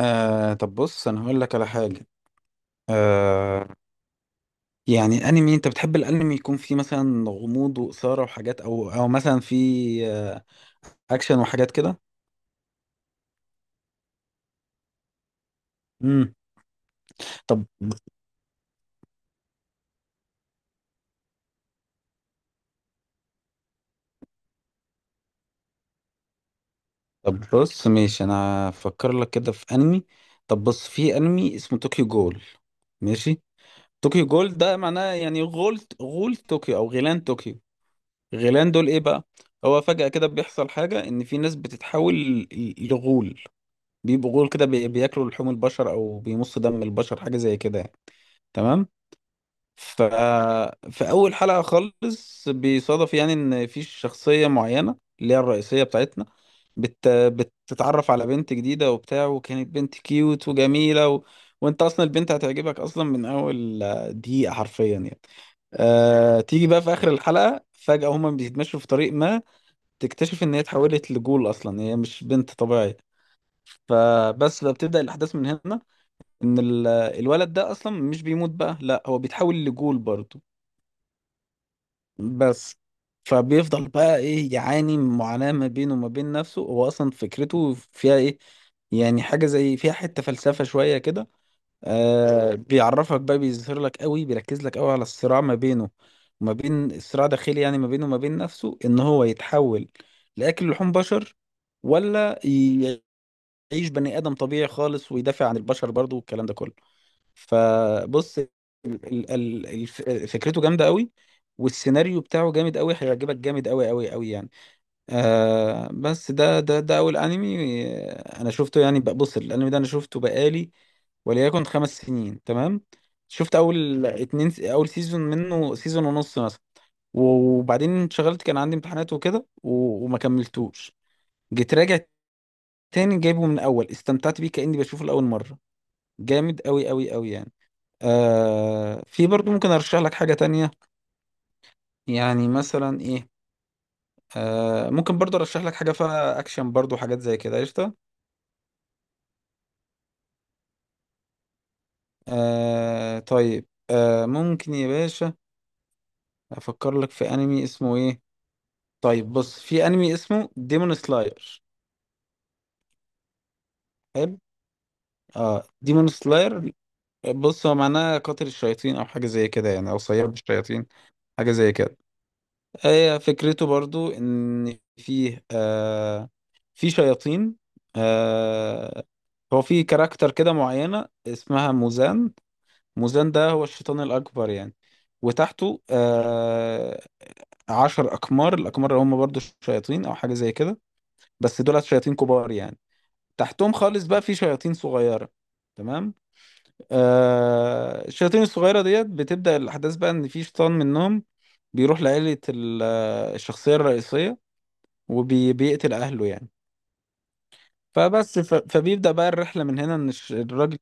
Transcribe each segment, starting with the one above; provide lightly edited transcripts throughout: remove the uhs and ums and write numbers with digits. آه، طب بص انا هقول لك على حاجه. آه يعني انمي، انت بتحب الانمي يكون فيه مثلا غموض واثاره وحاجات، او مثلا فيه آه اكشن وحاجات كده. امم طب طب بص، ماشي، انا هفكر لك كده في انمي. طب بص، في انمي اسمه طوكيو جول. ماشي. طوكيو جول ده معناه يعني غول طوكيو او غيلان طوكيو. غيلان دول ايه بقى؟ هو فجأة كده بيحصل حاجة ان في ناس بتتحول لغول، بيبقوا غول كده، بياكلوا لحوم البشر او بيمصوا دم البشر، حاجه زي كده يعني. تمام. ف في اول حلقه خالص بيصادف يعني ان في شخصيه معينه، اللي هي الرئيسيه بتاعتنا، بتتعرف على بنت جديده وبتاع، وكانت بنت كيوت وجميله. وانت اصلا البنت هتعجبك اصلا من اول دقيقه، حرفيا يعني. تيجي بقى في اخر الحلقه فجاه هما بيتمشوا في طريق ما، تكتشف ان هي اتحولت لجول، اصلا هي مش بنت طبيعيه. فبس بقى بتبدأ الأحداث من هنا، ان الولد ده اصلا مش بيموت بقى، لا هو بيتحول لجول برضه. بس فبيفضل بقى ايه، يعاني من معاناة ما بينه وما بين نفسه، هو اصلا فكرته فيها ايه يعني. حاجة زي فيها حتة فلسفة شوية كده. آه، بيعرفك بقى، بيظهر لك قوي، بيركز لك قوي على الصراع ما بينه وما بين الصراع داخلي، يعني ما بينه وما بين نفسه، ان هو يتحول لأكل لحوم بشر، ولا يعيش بني آدم طبيعي خالص، ويدافع عن البشر برضه والكلام ده كله. فبص ال- الف- فكرته جامده قوي، والسيناريو بتاعه جامد قوي، هيعجبك جامد قوي قوي قوي يعني. آه، بس ده اول انمي انا شفته يعني بص، الانمي ده انا شفته بقالي، وليكن، 5 سنين. تمام. شفت اول اتنين، اول سيزون منه، سيزون ونص مثلا، وبعدين انشغلت، كان عندي امتحانات وكده، وما كملتوش. جيت راجع تاني جايبه من الاول، استمتعت بيه كأني بشوفه لأول مرة. جامد قوي قوي قوي يعني. في برضو ممكن ارشح لك حاجة تانية، يعني مثلا ايه. ممكن برضو ارشح لك حاجة فيها اكشن برضو، حاجات زي كده، قشطة. طيب ممكن يا باشا افكر لك في انمي اسمه ايه. طيب بص، في انمي اسمه ديمون سلاير. حلو. اه، ديمون سلاير. بص، هو معناه قاتل الشياطين او حاجة زي كده يعني، او صياد الشياطين، حاجة زي كده. هي فكرته برضو ان فيه في شياطين. آه هو في كاركتر كده معينة اسمها موزان. موزان ده هو الشيطان الأكبر يعني، وتحته 10 أقمار. الأقمار هم برضو شياطين أو حاجة زي كده، بس دولت شياطين كبار يعني. تحتهم خالص بقى في شياطين صغيرة. تمام. آه، الشياطين الصغيرة ديت بتبدأ الأحداث بقى، إن في شيطان منهم بيروح لعيلة الشخصية الرئيسية، وبيقتل اهله يعني. فبس فبيبدأ بقى الرحلة من هنا، ان الراجل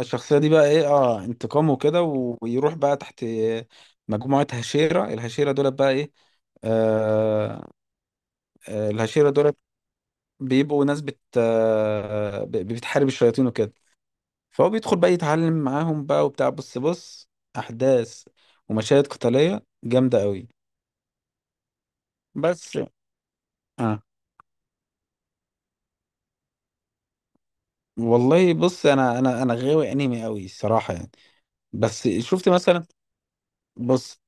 الشخصية دي بقى ايه، اه، انتقامه كده، ويروح بقى تحت مجموعة هشيرة. الهشيرة دول بقى ايه؟ آه الهشيرة دول بيبقوا ناس بتحارب الشياطين وكده. فهو بيدخل بقى يتعلم معاهم بقى وبتاع. بص بص، احداث ومشاهد قتالية جامدة قوي. بس. اه، والله بص، انا غاوي انمي قوي الصراحة يعني. بس شفت مثلا، بص،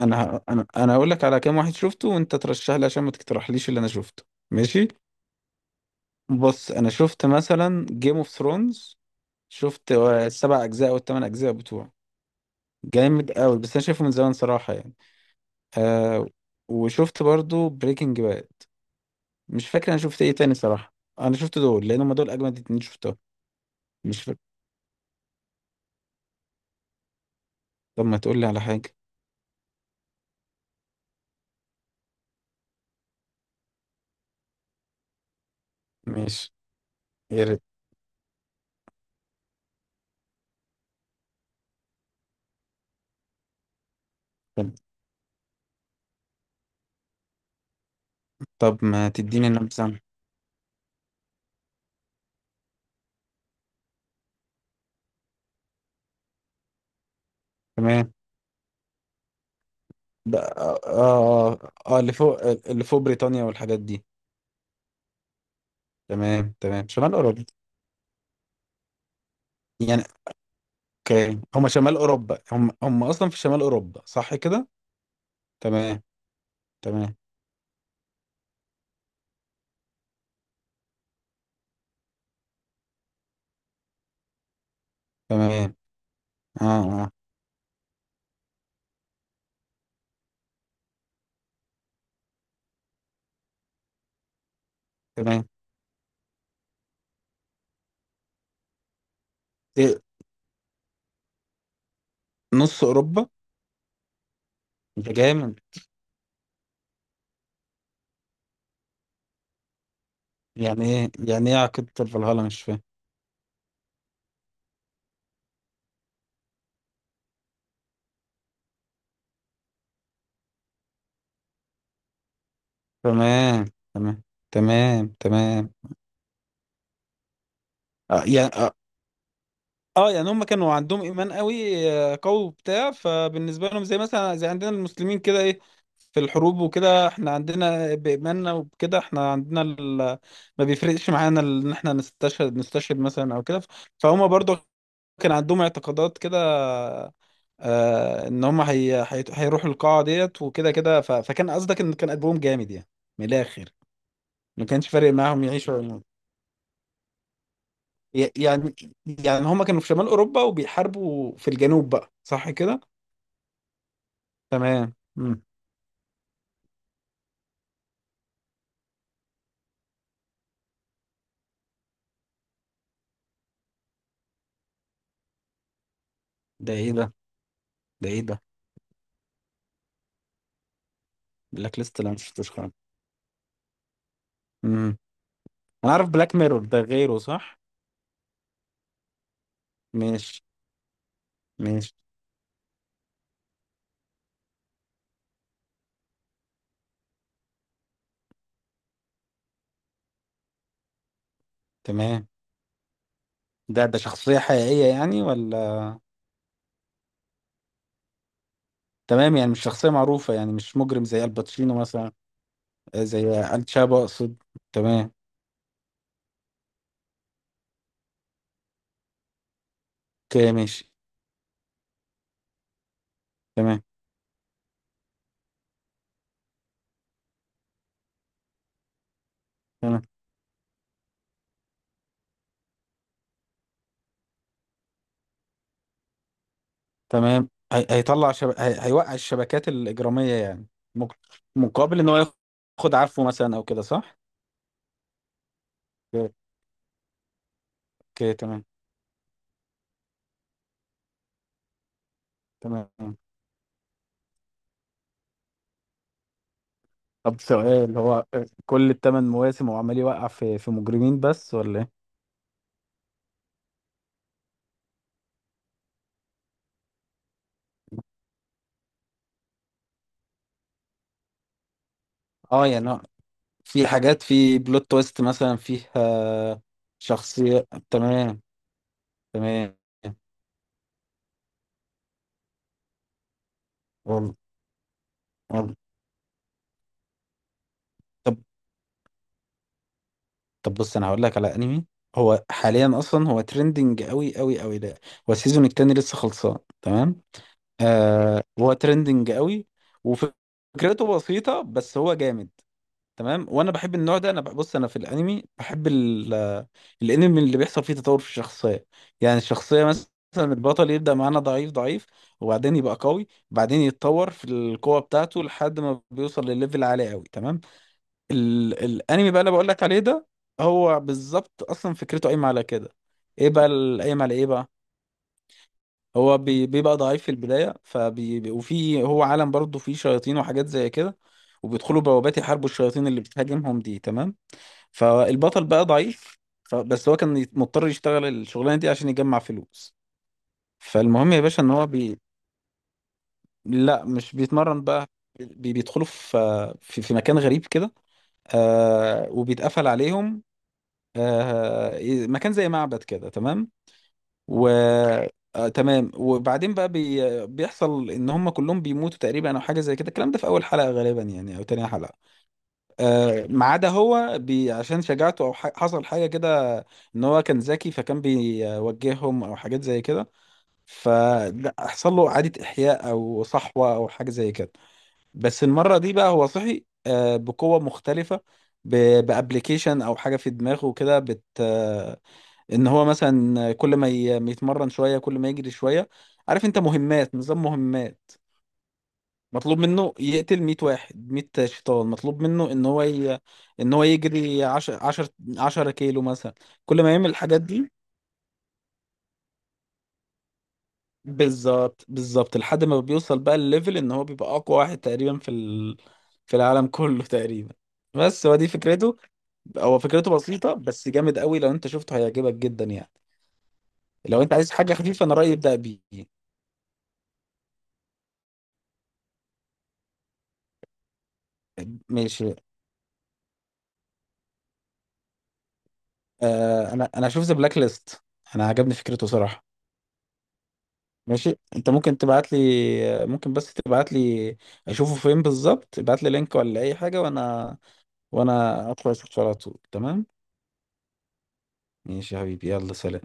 انا انا هقول لك على كام واحد شفته، وانت ترشح لي عشان ما تقترحليش اللي انا شفته. ماشي. بص، انا شفت مثلا جيم اوف ثرونز، شفت السبع اجزاء او الثمان اجزاء بتوعه، جامد قوي بس انا شايفه من زمان صراحه يعني. آه وشفت برضو بريكنج باد. مش فاكر انا شفت ايه تاني صراحه. انا شفت دول لان هم دول اجمد اتنين شفتهم. مش فاكر. طب ما تقول لي على حاجه، ماشي. يا ريت. طب ما تديني نبذه. تمام. ده، اه، اه، اه، اللي فوق، اللي فوق بريطانيا والحاجات دي. تمام، تمام، شمال اوروبا يعني. اوكي، هم شمال اوروبا، هم هم اصلا في شمال اوروبا، صح كده. تمام، تمام، تمام. اه، اه. تمام. ايه، نص اوروبا؟ ده جامد. يعني ايه، يعني ايه عقيدة الفلهلة، مش فاهم. تمام، تمام، تمام، تمام. يعني اه، يعني هم كانوا عندهم ايمان قوي، قوي وبتاع، فبالنسبه لهم زي مثلا زي عندنا المسلمين كده ايه، في الحروب وكده احنا عندنا بايماننا، وبكده احنا عندنا ما بيفرقش معانا ان احنا نستشهد مثلا او كده. فهم برضو كان عندهم اعتقادات كده، آه، ان هم هيروحوا القاعه ديت وكده كده، فكان قصدك ان كان قلبهم جامد يعني، من الاخر، ما كانش فارق معاهم يعيشوا. ي- يعني يعني هما كانوا في شمال أوروبا وبيحاربوا في الجنوب بقى، صح كده؟ تمام. مم. ده ايه ده؟ ده ايه ده؟ بلاك ليست اللي انا مشفتوش خالص. مم. انا عارف بلاك ميرور ده غيره، صح؟ ماشي. ماشي. تمام. ده شخصية حقيقية يعني ولا؟ تمام، يعني مش شخصية معروفة، يعني مش مجرم زي الباتشينو مثلا. زي الشابو اقصد. تمام. اوكي ماشي. تمام، تمام، تمام. هي... هيطلع شب... هي... هيوقع الشبكات الإجرامية يعني. مق... مقابل إن هو ياخد عفو مثلا أو كده، صح؟ أوكي تمام. تمام. طب سؤال، هو كل الثمان مواسم هو عمال يوقع في في مجرمين بس ولا إيه؟ اه يعني، هو في حاجات في بلوت تويست مثلا فيها، شخصية. تمام. تمام. والله. والله. طب طب بص، انا هقول لك على انمي، هو حاليا اصلا هو ترندنج قوي قوي قوي ده. هو السيزون التاني لسه خلصان. تمام. آه، هو ترندنج قوي، وفكرته بسيطة بس هو جامد. تمام. وانا بحب النوع ده، انا ببص انا في الانمي بحب الانمي اللي بيحصل فيه تطور في الشخصية، يعني الشخصية مثلا البطل يبدأ معانا ضعيف ضعيف، وبعدين يبقى قوي، بعدين يتطور في القوة بتاعته لحد ما بيوصل لليفل عالي قوي. تمام. الانمي بقى اللي بقول لك عليه ده، هو بالظبط اصلا فكرته قايمة على كده. ايه بقى قايم على ايه بقى. هو بيبقى ضعيف في البداية، وفي هو عالم برضه فيه شياطين وحاجات زي كده، وبيدخلوا بوابات يحاربوا الشياطين اللي بتهاجمهم دي. تمام. فالبطل بقى ضعيف، فبس هو كان مضطر يشتغل الشغلانة دي عشان يجمع فلوس. فالمهم يا باشا ان هو لا، مش بيتمرن بقى، بيدخلوا في في مكان غريب كده، وبيتقفل عليهم. آه مكان زي معبد كده. تمام. و تمام، وبعدين بقى بيحصل ان هم كلهم بيموتوا تقريبا او حاجه زي كده، الكلام ده في اول حلقه غالبا يعني او تاني حلقه. ما عدا هو عشان شجاعته، او حصل حاجه كده، ان هو كان ذكي فكان بيوجههم او حاجات زي كده، فحصل له اعاده احياء او صحوه او حاجه زي كده. بس المره دي بقى هو صحي بقوه مختلفه. ب... بابلكيشن او حاجه في دماغه كده بت، ان هو مثلا كل ما يتمرن شويه، كل ما يجري شويه. عارف انت، مهمات، نظام مهمات. مطلوب منه يقتل 100 واحد، 100 شيطان. مطلوب منه ان هو ان هو يجري 10 10 10 كيلو مثلا. كل ما يعمل الحاجات دي، بالظبط بالظبط، لحد ما بيوصل بقى الليفل ان هو بيبقى اقوى واحد تقريبا في في العالم كله تقريبا. بس هو دي فكرته. هو فكرته بسيطه بس جامد قوي، لو انت شفته هيعجبك جدا يعني. لو انت عايز حاجه خفيفه، انا رايي ابدا بيه. ماشي. آه، انا هشوف ذا بلاك ليست، انا عجبني فكرته صراحه. ماشي، انت ممكن تبعت لي، ممكن بس تبعت لي اشوفه فين بالظبط، ابعت لي لينك ولا اي حاجه، وانا ادخل اشوف على طول. تمام. ماشي يا حبيبي، يلا سلام.